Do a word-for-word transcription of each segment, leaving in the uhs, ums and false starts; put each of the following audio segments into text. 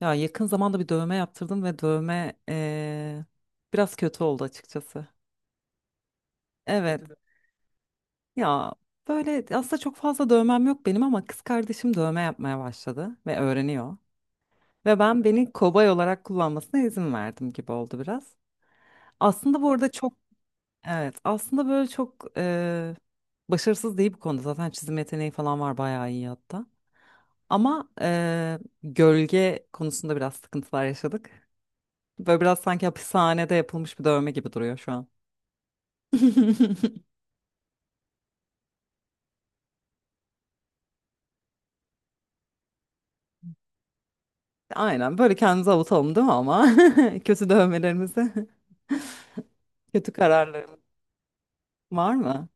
Ya yakın zamanda bir dövme yaptırdım ve dövme eee, biraz kötü oldu açıkçası. Evet. Ya böyle aslında çok fazla dövmem yok benim ama kız kardeşim dövme yapmaya başladı ve öğreniyor. Ve ben beni kobay olarak kullanmasına izin verdim gibi oldu biraz. Aslında bu arada çok evet aslında böyle çok eee, başarısız değil bu konuda. Zaten çizim yeteneği falan var bayağı iyi hatta. Ama eee, gölge konusunda biraz sıkıntılar yaşadık. Böyle biraz sanki hapishanede yapılmış bir dövme gibi duruyor şu an. Aynen böyle kendimizi avutalım değil mi ama? Kötü dövmelerimizi, kötü kararlarımız var mı?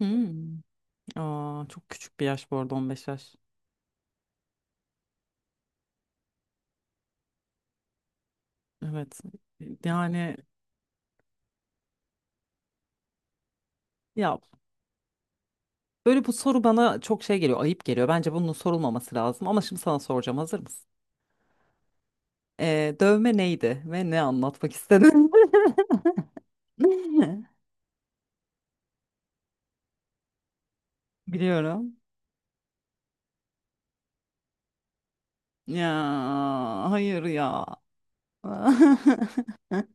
Hmm. Aa, çok küçük bir yaş bu arada on beş yaş. Evet. Yani ya böyle bu soru bana çok şey geliyor, ayıp geliyor. Bence bunun sorulmaması lazım ama şimdi sana soracağım. Hazır mısın? Ee, dövme neydi ve ne anlatmak istedin? Biliyorum. Ya hayır ya.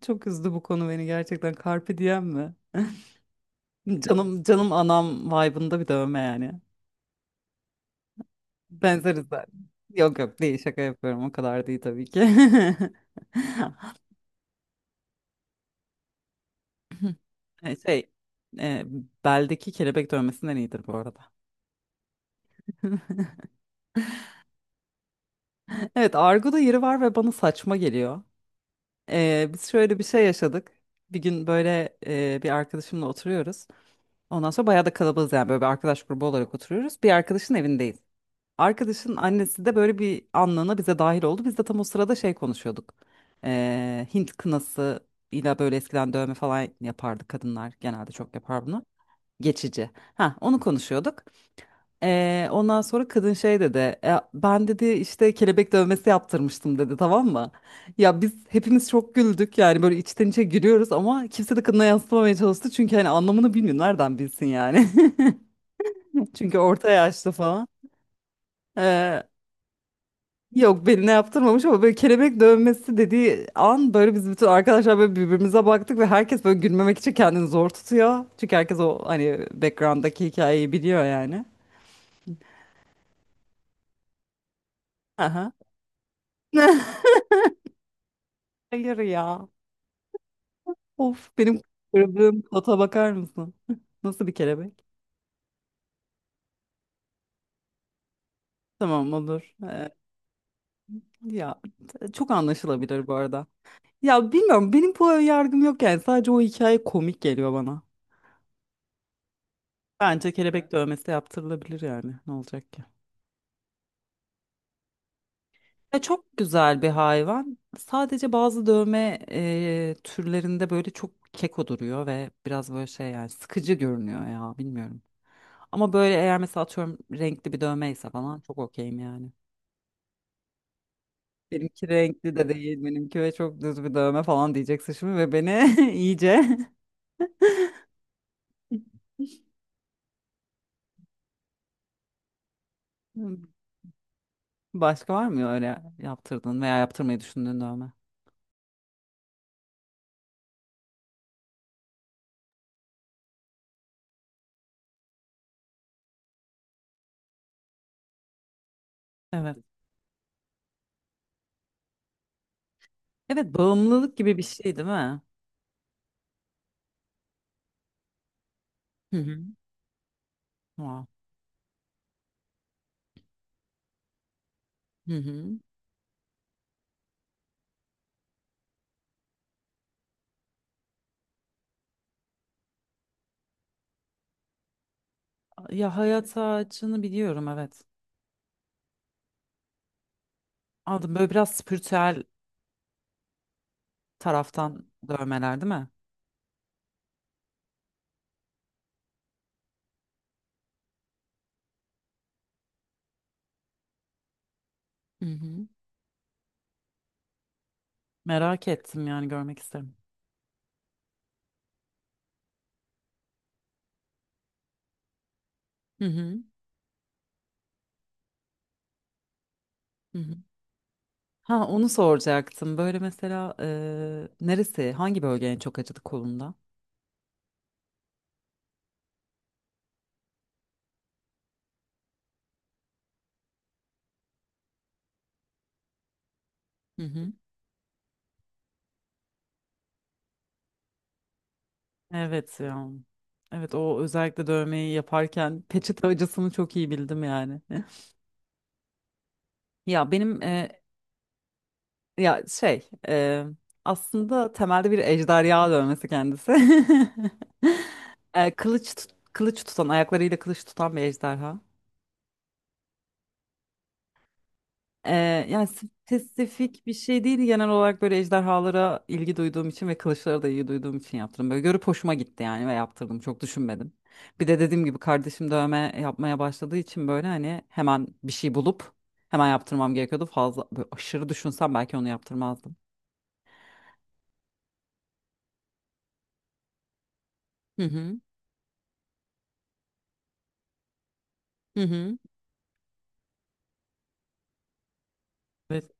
Çok üzdü bu konu beni gerçekten. Carpe diem mi? Canım canım anam vibe'ında bir dövme yani. Benzeriz zaten. Yok yok değil şaka yapıyorum o kadar değil tabii ki. E, Şey e, beldeki kelebek dövmesinden iyidir bu arada. Evet argoda yeri var ve bana saçma geliyor. E, biz şöyle bir şey yaşadık. Bir gün böyle e, bir arkadaşımla oturuyoruz. Ondan sonra bayağı da kalabalığız yani böyle bir arkadaş grubu olarak oturuyoruz. Bir arkadaşın evindeyiz. Arkadaşın annesi de böyle bir anlığına bize dahil oldu. Biz de tam o sırada şey konuşuyorduk. Ee, Hint kınası ile böyle eskiden dövme falan yapardı kadınlar. Genelde çok yapar bunu. Geçici. Ha onu konuşuyorduk. Ee, ondan sonra kadın şey dedi. "E, ben dedi işte kelebek dövmesi yaptırmıştım dedi tamam mı? Ya biz hepimiz çok güldük yani böyle içten içe gülüyoruz ama kimse de kadına yansıtmamaya çalıştı. Çünkü hani anlamını bilmiyor nereden bilsin yani. Çünkü orta yaşlı falan. Ee, Yok beline yaptırmamış ama böyle kelebek dövmesi dediği an böyle biz bütün arkadaşlar böyle birbirimize baktık ve herkes böyle gülmemek için kendini zor tutuyor. Çünkü herkes o hani background'daki hikayeyi biliyor yani. Aha. Hayır ya. Of benim kırdığım kota bakar mısın? Nasıl bir kelebek? Tamam olur. Ee, ya t- çok anlaşılabilir bu arada. Ya bilmiyorum benim bu yargım yok yani sadece o hikaye komik geliyor bana. Bence kelebek dövmesi yaptırılabilir yani ne olacak ki? Ya çok güzel bir hayvan. Sadece bazı dövme e, türlerinde böyle çok keko duruyor ve biraz böyle şey yani sıkıcı görünüyor ya bilmiyorum. Ama böyle eğer mesela atıyorum renkli bir dövmeyse falan çok okeyim yani. Benimki renkli de değil. Benimki ve çok düz bir dövme falan diyeceksin şimdi ve beni iyice başka var mı öyle yaptırdın veya yaptırmayı düşündüğün dövme? Evet. Evet, bağımlılık gibi bir şey değil mi? Hı hı. Wow. Hı hı. Ya hayat ağacını biliyorum evet. Aldım böyle biraz spiritüel taraftan dövmeler değil mi? Hı hı. Merak ettim yani görmek isterim. Hı hı. Hı hı. Ha onu soracaktım. Böyle mesela e, neresi, hangi bölge en çok acıdı kolunda? Hı hı. Evet ya. Evet o özellikle dövmeyi yaparken peçete acısını çok iyi bildim yani. Ya benim e, ya şey e, Aslında temelde bir ejderha dövmesi kendisi. E, kılıç tut- kılıç tutan ayaklarıyla kılıç tutan bir ejderha. Ee, Yani spesifik bir şey değil genel olarak böyle ejderhalara ilgi duyduğum için ve kılıçlara da ilgi duyduğum için yaptım. Böyle görüp hoşuma gitti yani ve yaptırdım çok düşünmedim. Bir de dediğim gibi kardeşim dövme yapmaya başladığı için böyle hani hemen bir şey bulup hemen yaptırmam gerekiyordu. Fazla böyle aşırı düşünsem belki onu yaptırmazdım. Hı hı. Hı hı. Evet,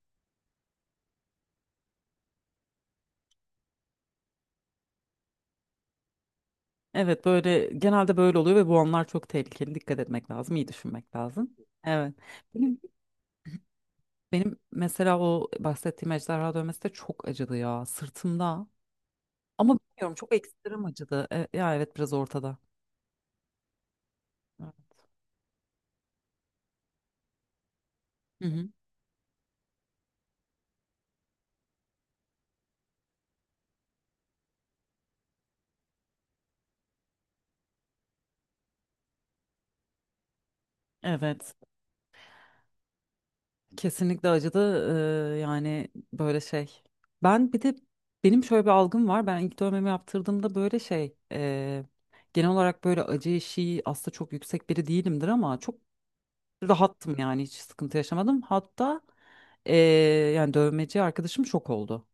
evet böyle genelde böyle oluyor ve bu anlar çok tehlikeli. Dikkat etmek lazım, iyi düşünmek lazım. Evet. Benim Benim mesela o bahsettiğim ejderha dövmesi de çok acıdı ya sırtımda. Ama bilmiyorum çok ekstrem acıdı. E, ya evet biraz ortada. Evet. Hı hı. Evet. Kesinlikle acıdı. Ee, yani böyle şey. Ben bir de benim şöyle bir algım var. Ben ilk dövmemi yaptırdığımda böyle şey e, genel olarak böyle acı eşiği aslında çok yüksek biri değilimdir ama çok rahattım yani hiç sıkıntı yaşamadım. Hatta e, yani dövmeci arkadaşım şok oldu.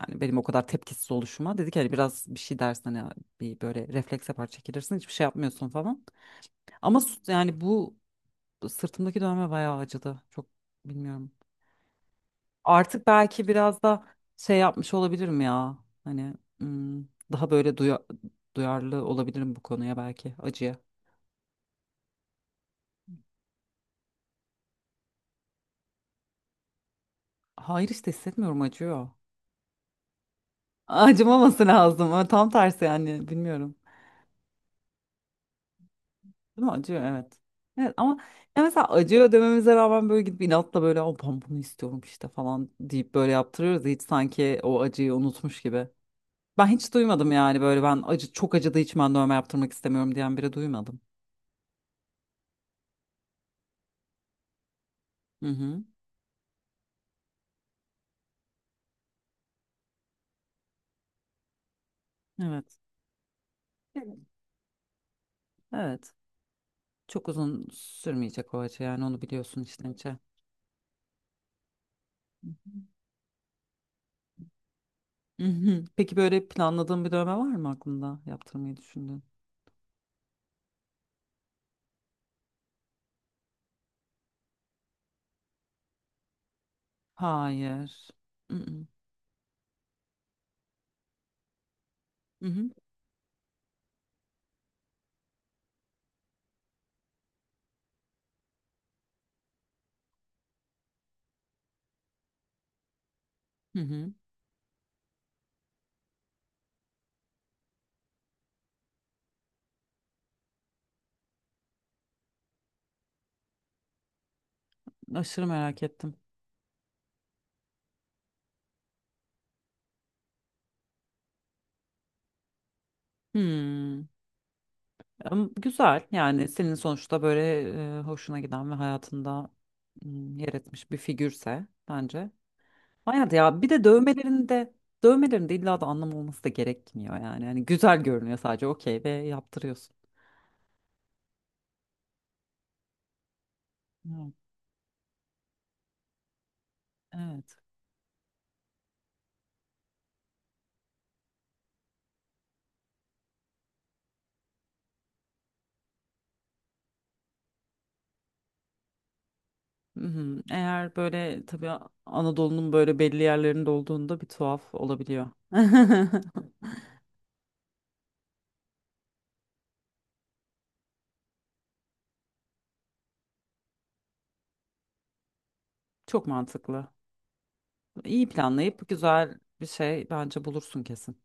Yani benim o kadar tepkisiz oluşuma. Dedi ki hani biraz bir şey dersen hani bir böyle refleks yapar çekilirsin hiçbir şey yapmıyorsun falan. Ama s- yani bu sırtımdaki dövme bayağı acıdı. Çok bilmiyorum. Artık belki biraz da şey yapmış olabilirim ya. Hani hmm, daha böyle duya- duyarlı olabilirim bu konuya belki acıya. Hayır işte hissetmiyorum acıyor. Acımaması lazım, ama tam tersi yani bilmiyorum. Değil mi? Acıyor evet. Evet ama ya mesela acıyor dememize rağmen böyle gidip inatla böyle o ben bunu istiyorum işte falan deyip böyle yaptırıyoruz. Hiç sanki o acıyı unutmuş gibi. Ben hiç duymadım yani böyle ben acı çok acıdığı için ben dövme yaptırmak istemiyorum diyen biri duymadım. Hı hı. Evet. Evet. Evet. Çok uzun sürmeyecek o acı yani onu biliyorsun içten içe. Hı hı. Hı hı. Peki böyle planladığın bir dövme var mı aklında yaptırmayı düşündüğün? Hayır. Hı hı. Hı hı. Hı hı. Aşırı merak ettim. Hmm. Ama güzel yani senin sonuçta böyle e, hoşuna giden ve hayatında hmm, yer etmiş bir figürse bence. Hayat ya bir de dövmelerinde dövmelerinde illa da anlam olması da gerekmiyor yani. Yani güzel görünüyor sadece okey ve yaptırıyorsun. Evet. Evet. Mhm. Eğer böyle tabii Anadolu'nun böyle belli yerlerinde olduğunda bir tuhaf olabiliyor. Çok mantıklı. İyi planlayıp güzel bir şey bence bulursun kesin.